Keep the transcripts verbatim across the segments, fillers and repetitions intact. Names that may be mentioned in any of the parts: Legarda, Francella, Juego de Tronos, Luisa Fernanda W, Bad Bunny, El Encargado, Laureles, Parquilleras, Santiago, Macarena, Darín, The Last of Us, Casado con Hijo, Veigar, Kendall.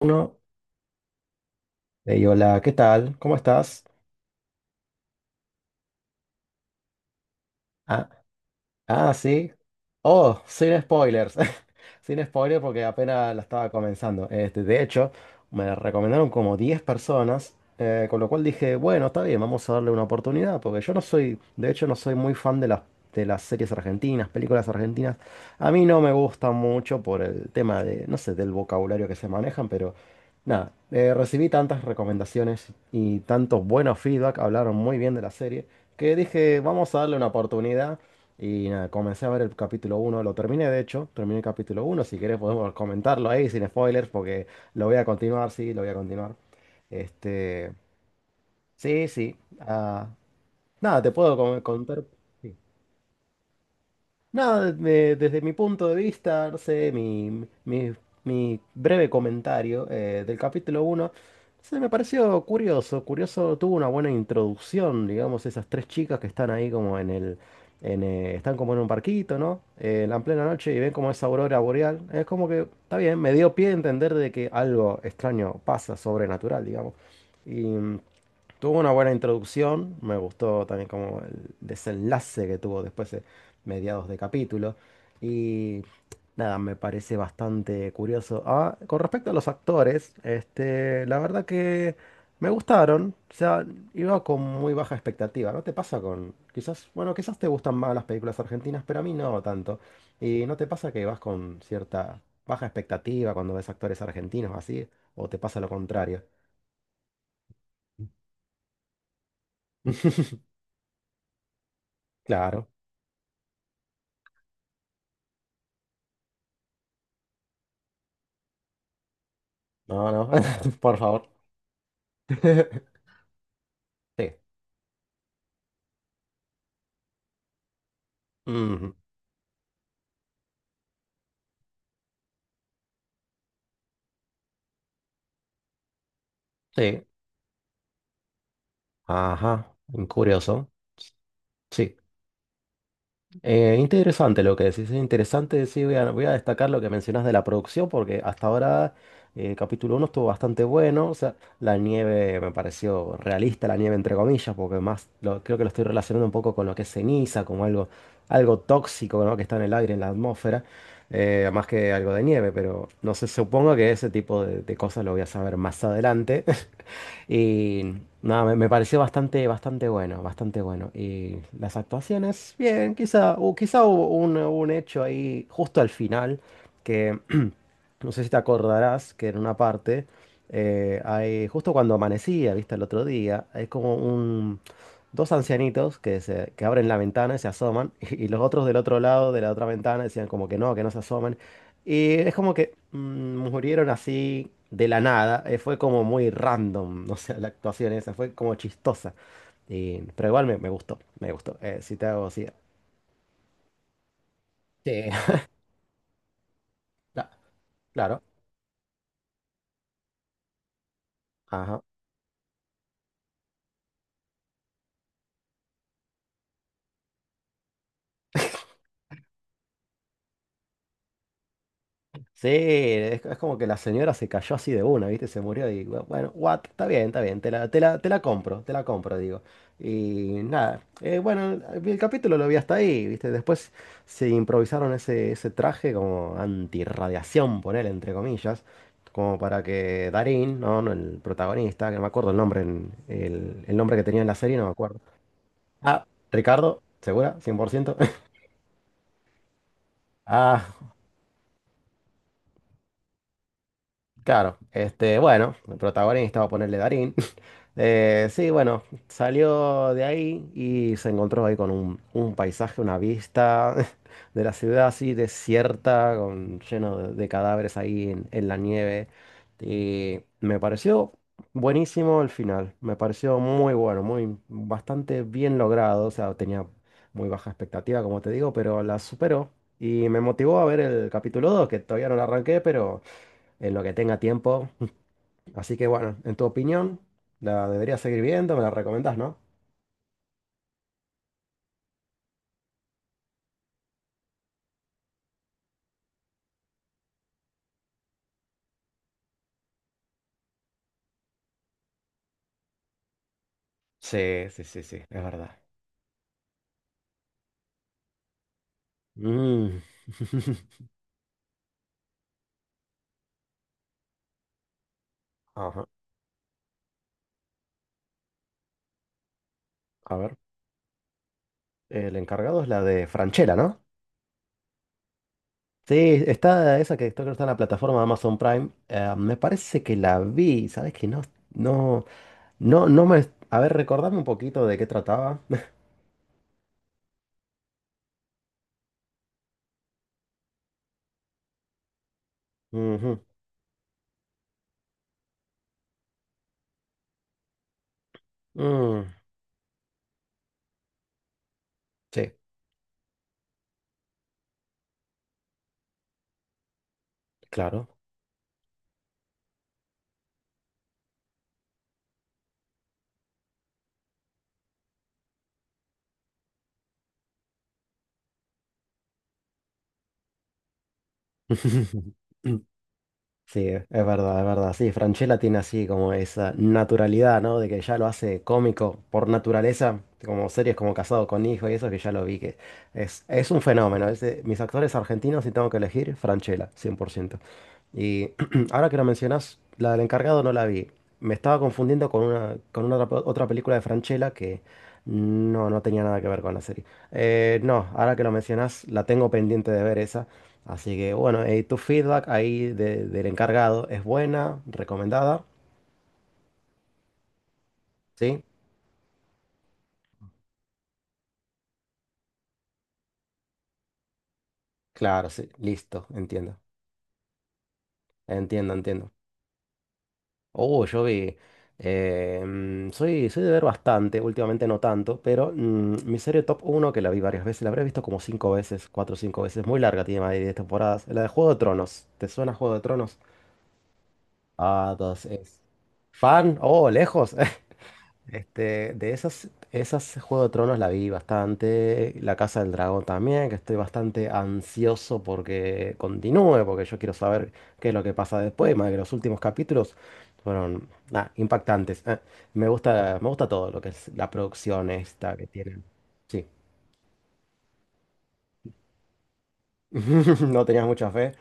Uno, hey, hola, ¿qué tal? ¿Cómo estás? Ah, ah, sí. Oh, sin spoilers. Sin spoilers porque apenas la estaba comenzando. Este, de hecho, me recomendaron como diez personas, eh, con lo cual dije, bueno, está bien, vamos a darle una oportunidad, porque yo no soy, de hecho, no soy muy fan de las, de las series argentinas, películas argentinas. A mí no me gustan mucho por el tema de, no sé, del vocabulario que se manejan, pero nada, eh, recibí tantas recomendaciones y tantos buenos feedback, hablaron muy bien de la serie, que dije, vamos a darle una oportunidad. Y nada, comencé a ver el capítulo uno. Lo terminé, de hecho, terminé el capítulo uno. Si querés podemos comentarlo ahí sin spoilers porque lo voy a continuar, sí, lo voy a continuar. Este, sí, sí. Ah, nada, te puedo com- contar. Sí. Nada, de- desde mi punto de vista, no sé, mi, mi- mi breve comentario eh, del capítulo uno se me pareció curioso. Curioso, tuvo una buena introducción, digamos, esas tres chicas que están ahí como en el... en, eh, están como en un barquito, ¿no? Eh, en la plena noche y ven como esa aurora boreal. Es como que, está bien, me dio pie a entender de que algo extraño pasa, sobrenatural, digamos. Y... Tuvo una buena introducción, me gustó también como el desenlace que tuvo después de mediados de capítulo. Y nada, me parece bastante curioso. Ah, con respecto a los actores, este, la verdad que me gustaron. O sea, iba con muy baja expectativa. ¿No te pasa con... Quizás, bueno, quizás te gustan más las películas argentinas, pero a mí no tanto? ¿Y no te pasa que vas con cierta baja expectativa cuando ves actores argentinos así? ¿O te pasa lo contrario? Claro. No, no, por favor. Sí. Ujú. Sí. Ajá. Curioso. Sí. Eh, interesante lo que decís. Es interesante. Sí, voy a, voy a destacar lo que mencionas de la producción, porque hasta ahora eh, capítulo uno estuvo bastante bueno. O sea, la nieve me pareció realista, la nieve entre comillas, porque más lo- creo que lo estoy relacionando un poco con lo que es ceniza, como algo, algo tóxico, ¿no? Que está en el aire, en la atmósfera. Eh, más que algo de nieve, pero no sé, supongo que ese tipo de, de cosas lo voy a saber más adelante. Y nada, me, me pareció bastante, bastante bueno, bastante bueno. Y las actuaciones, bien, quizá, o quizá hubo un, un hecho ahí justo al final que no sé si te acordarás que en una parte, eh, hay, justo cuando amanecía, viste, el otro día, hay como un, dos ancianitos que, se, que abren la ventana y se asoman, y, los otros del otro lado de la otra ventana decían como que no, que no se asomen. Y es como que mm, murieron así de la nada, eh, fue como muy random, o sea, la actuación esa fue como chistosa. Y, pero igual me, me gustó, me gustó. Eh, si te hago así. Sí, cla- claro. Ajá. Sí, es, es como que la señora se cayó así de una, ¿viste? Se murió y bu- bueno, what, está bien, está bien, te la, te la, te la compro, te la compro, digo. Y nada, eh, bueno, el capítulo lo vi hasta ahí, ¿viste? Después se improvisaron ese, ese traje como antirradiación, ponele, entre comillas, como para que Darín, ¿no? No, el protagonista, que no me acuerdo el nombre, en- el, el nombre que tenía en la serie, no me acuerdo. Ah, Ricardo, ¿segura? Cien por ciento. Ah. Claro, este, bueno, el protagonista, va a ponerle Darín. Eh, sí, bueno, salió de ahí y se encontró ahí con un, un paisaje, una vista de la ciudad así desierta, con, lleno de, de cadáveres ahí en, en la nieve. Y me pareció buenísimo el final, me pareció muy bueno, muy bastante bien logrado. O sea, tenía muy baja expectativa, como te digo, pero la superó. Y me motivó a ver el capítulo dos que todavía no lo arranqué, pero en lo que tenga tiempo. Así que bueno, en tu opinión, ¿la debería seguir viendo? ¿Me la recomendás, no? Sí, sí, sí, sí, es verdad. Mm. Ajá. A ver, el encargado es la de Franchella, ¿no? Sí, está esa que creo que está en la plataforma de Amazon Prime. Eh, me parece que la vi, ¿sabes qué? No, no, no, no me... A ver, recordame un poquito de qué trataba. Ujú. Mm, sí, claro. Sí, es verdad, es verdad. Sí, Francella tiene así como esa naturalidad, ¿no? De que ya lo hace cómico por naturaleza, como series como Casado con Hijo y eso que ya lo vi, que es, es un fenómeno. Es de mis actores argentinos, si tengo que elegir, Francella, cien por ciento. Y ahora que lo mencionas, la del encargado no la vi. Me estaba confundiendo con una, con una otra, otra película de Francella que no, no tenía nada que ver con la serie. Eh, no, ahora que lo mencionas, la tengo pendiente de ver esa. Así que bueno, eh, tu feedback ahí de- del encargado es buena, recomendada, ¿sí? Claro, sí, listo, entiendo, entiendo, entiendo. Oh, yo vi, eh, mm, soy, soy de ver bastante, últimamente no tanto, pero mm, mi serie top uno que la vi varias veces, la habré visto como cinco veces, cuatro o cinco veces, muy larga, tiene más de diez temporadas, la de Juego de Tronos. ¿Te suena Juego de Tronos? Ah, entonces, ¿fan? Oh, lejos. Este, de esas, esas Juego de Tronos la vi bastante, La Casa del Dragón también, que estoy bastante ansioso porque continúe, porque yo quiero saber qué es lo que pasa después, más que los últimos capítulos fueron ah, impactantes. Ah, me gusta, me gusta todo lo que es la producción esta que tienen. Sí. ¿No tenías mucha fe?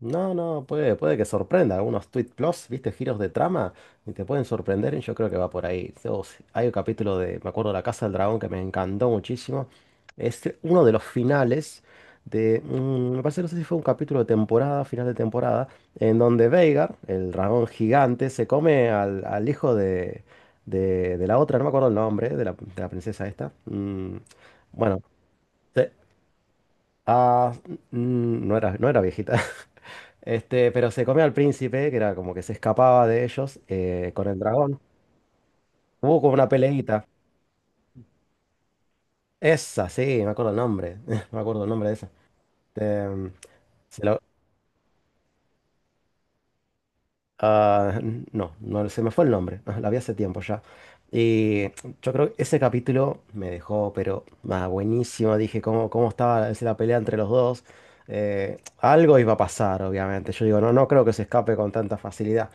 No, no, puede, puede que sorprenda. Algunos tweet plus, viste, giros de trama, y te pueden sorprender, y yo creo que va por ahí. So, si- hay un capítulo de, me acuerdo, La Casa del Dragón que me encantó muchísimo. Es uno de los finales de, mm, me parece, no sé si fue un capítulo de temporada, final de temporada, en donde Veigar, el dragón gigante, se come al, al hijo de, de, de la otra, no me acuerdo el nombre, de la, de la princesa esta. Mm, bueno. Ah, mm, no era, no era viejita. Este, pero se comió al príncipe, que era como que se escapaba de ellos eh, con el dragón. Hubo como una peleita. Esa, sí, me acuerdo el nombre. Me acuerdo el nombre de esa. Este, mm, se lo- Ah, no, no se me fue el nombre, la vi hace tiempo ya. Y yo creo que ese capítulo me dejó, pero ah, buenísimo. Dije cómo, cómo estaba esa- la pelea entre los dos. Eh, algo iba a pasar, obviamente. Yo digo, no, no creo que se escape con tanta facilidad.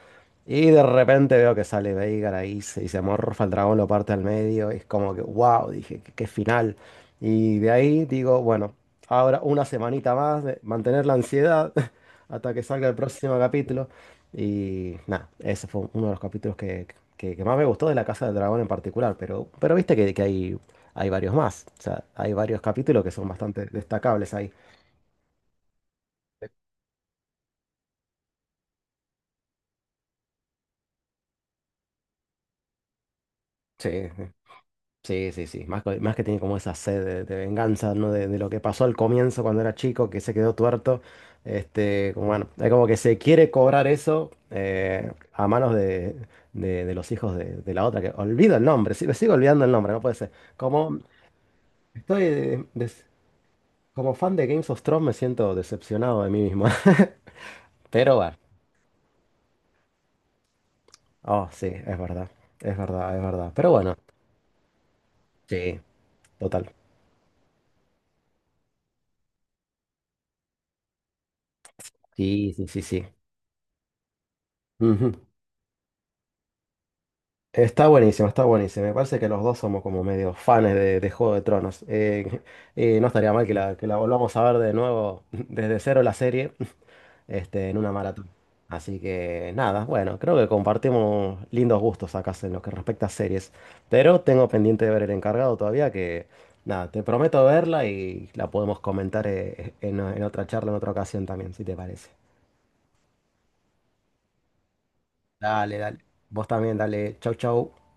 Y de repente veo que sale Veigar ahí se- y se amorfa el dragón, lo parte al medio. Y es como que, wow, dije, qué, qué final. Y de ahí digo, bueno, ahora una semanita más de mantener la ansiedad hasta que salga el próximo capítulo. Y nada, ese fue uno de los capítulos que, que- que más me gustó de La Casa del Dragón en particular, pero, pero viste que, que hay, hay varios más. O sea, hay varios capítulos que son bastante destacables ahí. Sí, sí, sí, sí. Más, que- más que tiene como esa sed de, de venganza, ¿no? De, de lo que pasó al comienzo cuando era chico, que se quedó tuerto. Este, como, bueno, es como que se quiere cobrar eso eh, a manos de, de- de los hijos de, de la otra, que olvido el nombre, sí, me sigo olvidando el nombre, no puede ser. Como estoy... Como fan de Games of Thrones me siento decepcionado de mí mismo. Pero bueno. Oh, sí, es verdad. Es verdad, es verdad. Pero bueno, sí, total. Sí, sí, sí, sí. Ujú. Está buenísimo, está buenísimo. Me parece que los dos somos como medio fans de, de Juego de Tronos. Eh, eh, no estaría mal que la, que la volvamos a ver de nuevo desde cero la serie. Este, en una maratón. Así que nada, bueno, creo que compartimos lindos gustos acá en lo que respecta a series. Pero tengo pendiente de ver El Encargado todavía, que nada, te prometo verla y la podemos comentar eh, en, en otra charla, en otra ocasión también, si te parece. Dale, dale. Vos también, dale. Chau, chau.